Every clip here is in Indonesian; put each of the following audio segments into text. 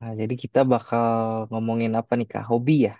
Nah, jadi kita bakal ngomongin apa nih Kak? Hobi ya?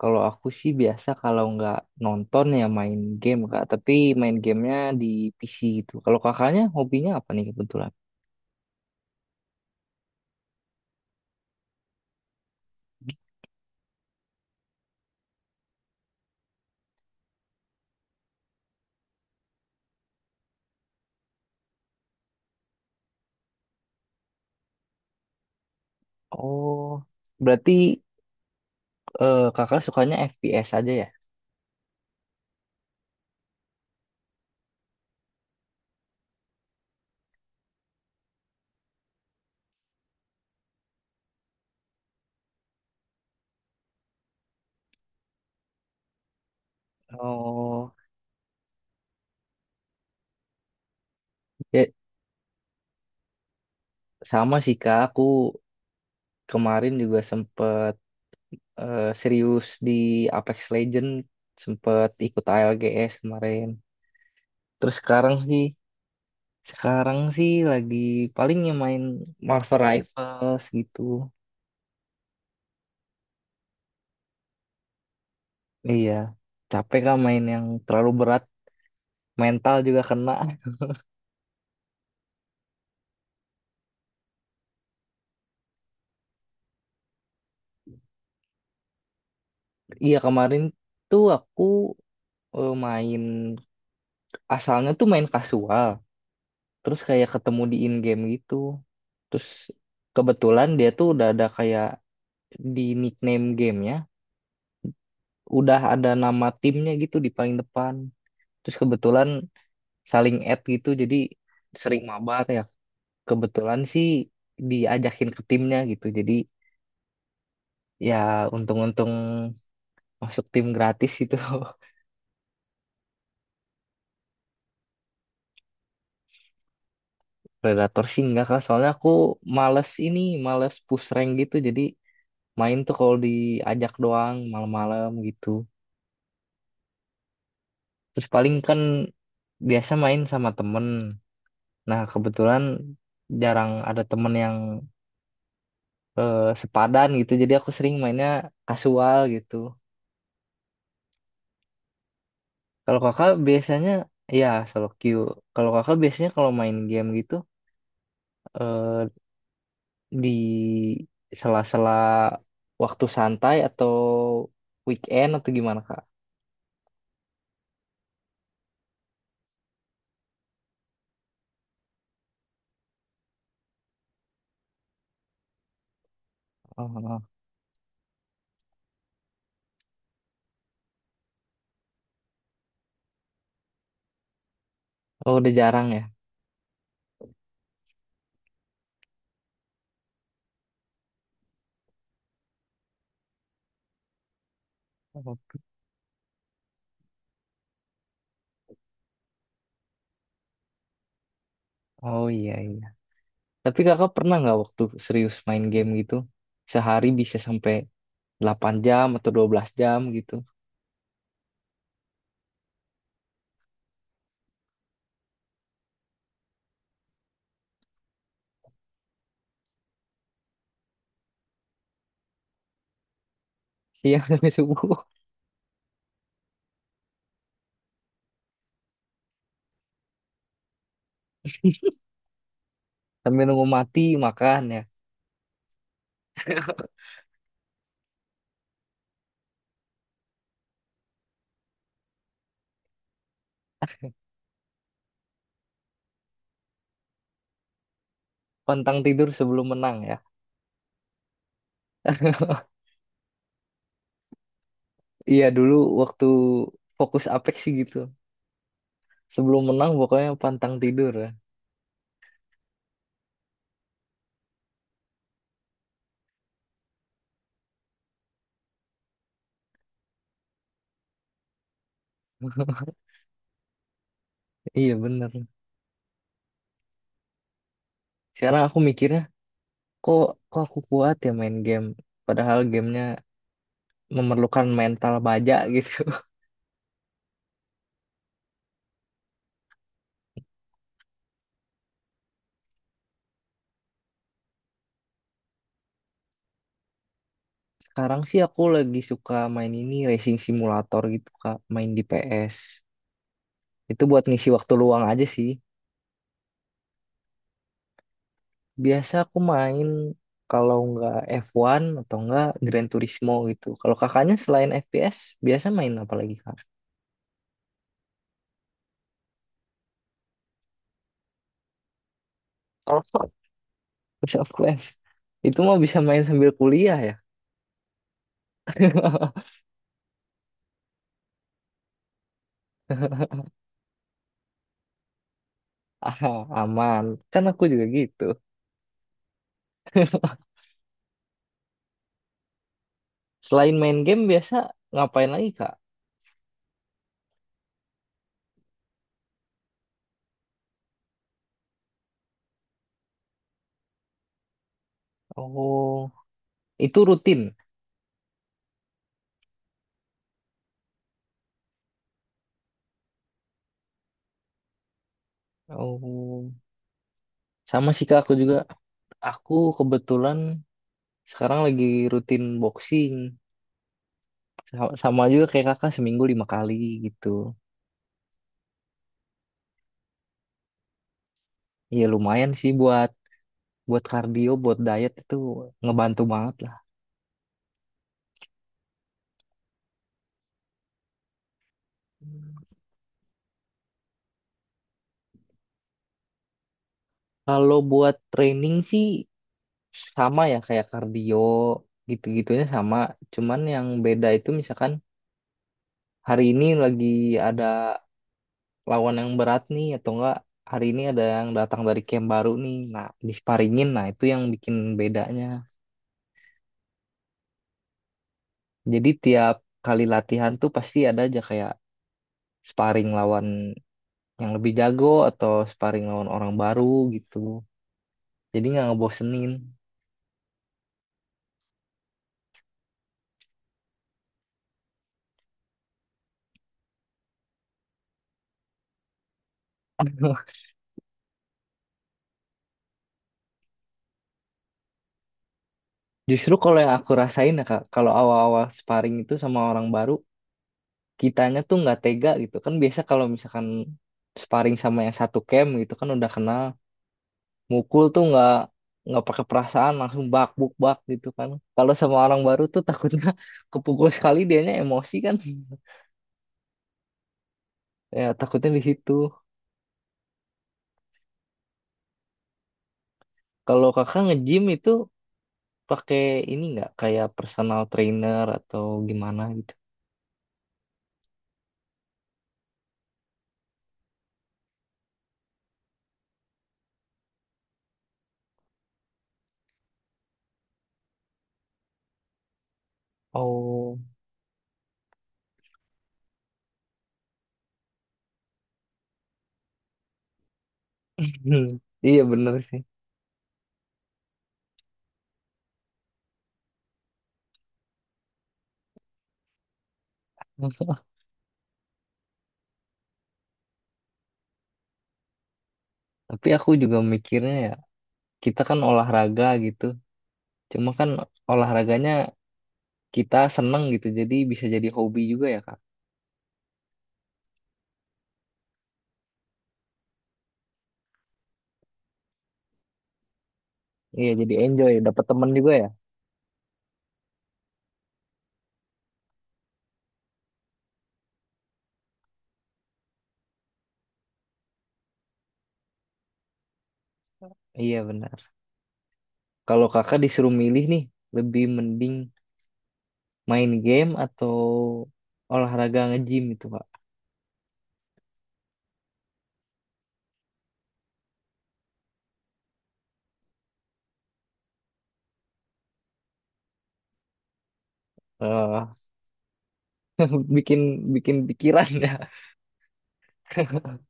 Kalau aku sih biasa kalau nggak nonton ya main game Kak. Tapi main gamenya di PC gitu. Kalau kakaknya hobinya apa nih kebetulan? Oh, berarti kakak sukanya FPS aja ya? Oh, ya sama sih Kak. Aku kemarin juga sempet serius di Apex Legend. Sempet ikut ALGS kemarin. Terus sekarang sih Sekarang sih lagi paling yang main Marvel Rivals gitu. Iya, capek kah main yang terlalu berat, mental juga kena. Iya, kemarin tuh aku eh, main asalnya tuh main kasual, terus kayak ketemu di in-game gitu. Terus kebetulan dia tuh udah ada kayak di nickname gamenya, udah ada nama timnya gitu di paling depan. Terus kebetulan saling add gitu, jadi sering mabar ya, kebetulan sih diajakin ke timnya gitu. Jadi ya untung-untung masuk tim gratis itu. Predator sih enggak kak, soalnya aku males ini, males push rank gitu. Jadi main tuh kalau diajak doang malam-malam gitu. Terus paling kan biasa main sama temen. Nah kebetulan jarang ada temen yang sepadan gitu. Jadi aku sering mainnya kasual gitu. Kalau kakak biasanya ya solo queue. Kalau kakak biasanya kalau main game gitu eh, di sela-sela waktu santai atau weekend atau gimana Kak? Oh, oh. Oh, udah jarang ya. Oh, oh, iya iya. Tapi Kakak pernah nggak waktu serius main game gitu? Sehari bisa sampai 8 jam atau 12 jam gitu. Siang sampai subuh. Sampai nunggu mati makan ya. Pantang tidur sebelum menang ya. Iya dulu waktu fokus Apex sih gitu. Sebelum menang pokoknya pantang tidur ya. Iya bener. Sekarang aku mikirnya, kok kok aku kuat ya main game? Padahal gamenya memerlukan mental baja gitu. Sekarang sih aku lagi suka main ini racing simulator gitu Kak, main di PS. Itu buat ngisi waktu luang aja sih. Biasa aku main kalau nggak F1 atau nggak Gran Turismo gitu. Kalau kakaknya selain FPS, biasa main apa lagi Kak? Kalau Clash of Clans, itu mah bisa main sambil kuliah ya. Ah, aman. Kan aku juga gitu. Selain main game biasa ngapain lagi Kak? Oh, itu rutin. Oh, sama sih Kak aku juga. Aku kebetulan sekarang lagi rutin boxing. Sama juga kayak Kakak seminggu 5 kali gitu. Iya lumayan sih buat buat kardio, buat diet itu ngebantu banget lah. Kalau buat training sih sama ya kayak kardio gitu-gitunya sama. Cuman yang beda itu misalkan hari ini lagi ada lawan yang berat nih, atau enggak hari ini ada yang datang dari camp baru nih, nah disparingin. Nah itu yang bikin bedanya, jadi tiap kali latihan tuh pasti ada aja kayak sparring lawan yang lebih jago atau sparring lawan orang baru gitu, jadi nggak ngebosenin. Justru kalau yang aku rasain ya kak, kalau awal-awal sparring itu sama orang baru, kitanya tuh nggak tega gitu kan. Biasa kalau misalkan sparring sama yang satu camp gitu kan udah kenal, mukul tuh nggak pakai perasaan, langsung bak buk bak gitu kan. Kalau sama orang baru tuh takutnya kepukul sekali dianya emosi kan. Ya takutnya di situ. Kalau kakak nge-gym itu pakai ini nggak kayak personal trainer atau gimana gitu? Oh. Iya bener sih. Tapi aku juga mikirnya ya, kita kan olahraga gitu, cuma kan olahraganya kita seneng gitu, jadi bisa jadi hobi juga ya kak. Iya, jadi enjoy, dapat temen juga ya. Iya bener. Kalau kakak disuruh milih nih, lebih mending main game atau olahraga nge-gym itu, Pak. Eh, bikin bikin pikiran ya.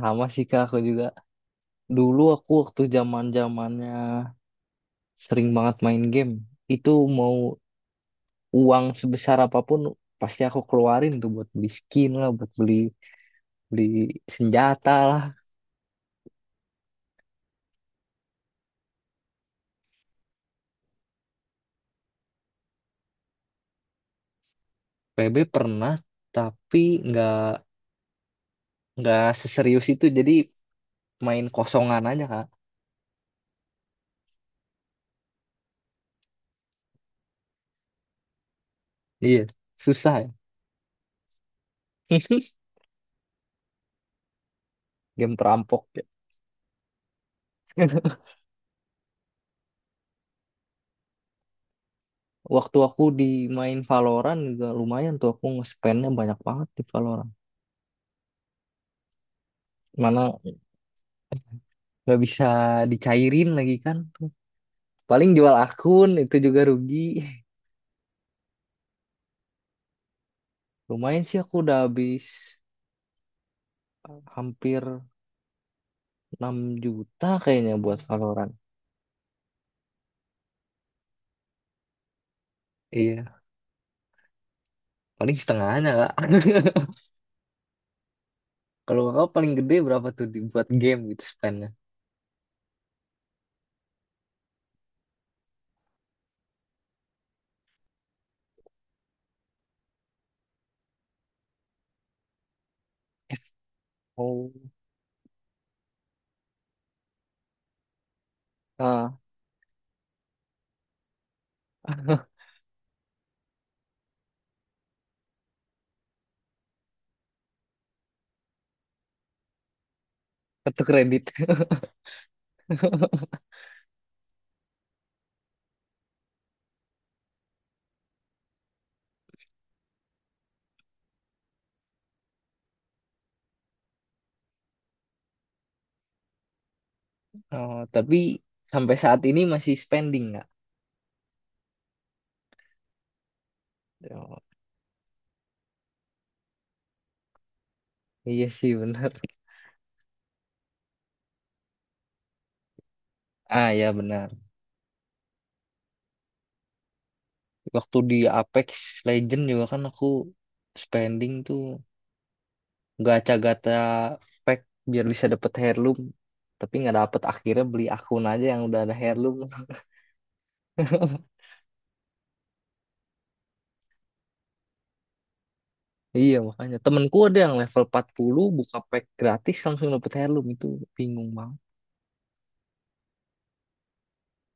Sama sih kak aku juga. Dulu aku waktu zaman zamannya sering banget main game. Itu mau uang sebesar apapun pasti aku keluarin tuh buat beli skin lah, buat beli beli senjata lah. PB pernah, tapi nggak nggak seserius itu. Jadi main kosongan aja kak. Iya, susah ya. Game perampok ya. Waktu aku main Valorant juga lumayan tuh aku nge-spendnya banyak banget di Valorant. Mana nggak bisa dicairin lagi kan. Paling jual akun itu juga rugi. Lumayan sih aku udah habis hampir 6 juta kayaknya buat Valorant. Iya, paling setengahnya kak. Kalau kakak paling gede berapa tuh dibuat game gitu spendnya? Oh, ah, kartu kredit. Oh, tapi sampai saat ini masih spending nggak? Oh, iya sih benar. Ah ya benar. Waktu di Apex Legend juga kan aku spending tuh gacha-gacha pack biar bisa dapet heirloom. Tapi nggak dapet akhirnya beli akun aja yang udah ada heirloom. Iya makanya temenku ada yang level 40 buka pack gratis langsung dapet heirloom itu bingung banget.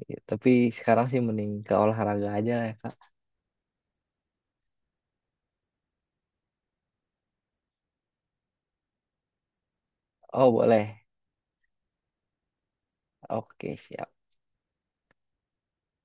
Iya, tapi sekarang sih mending ke olahraga aja lah ya, Kak. Oh boleh. Oke siap.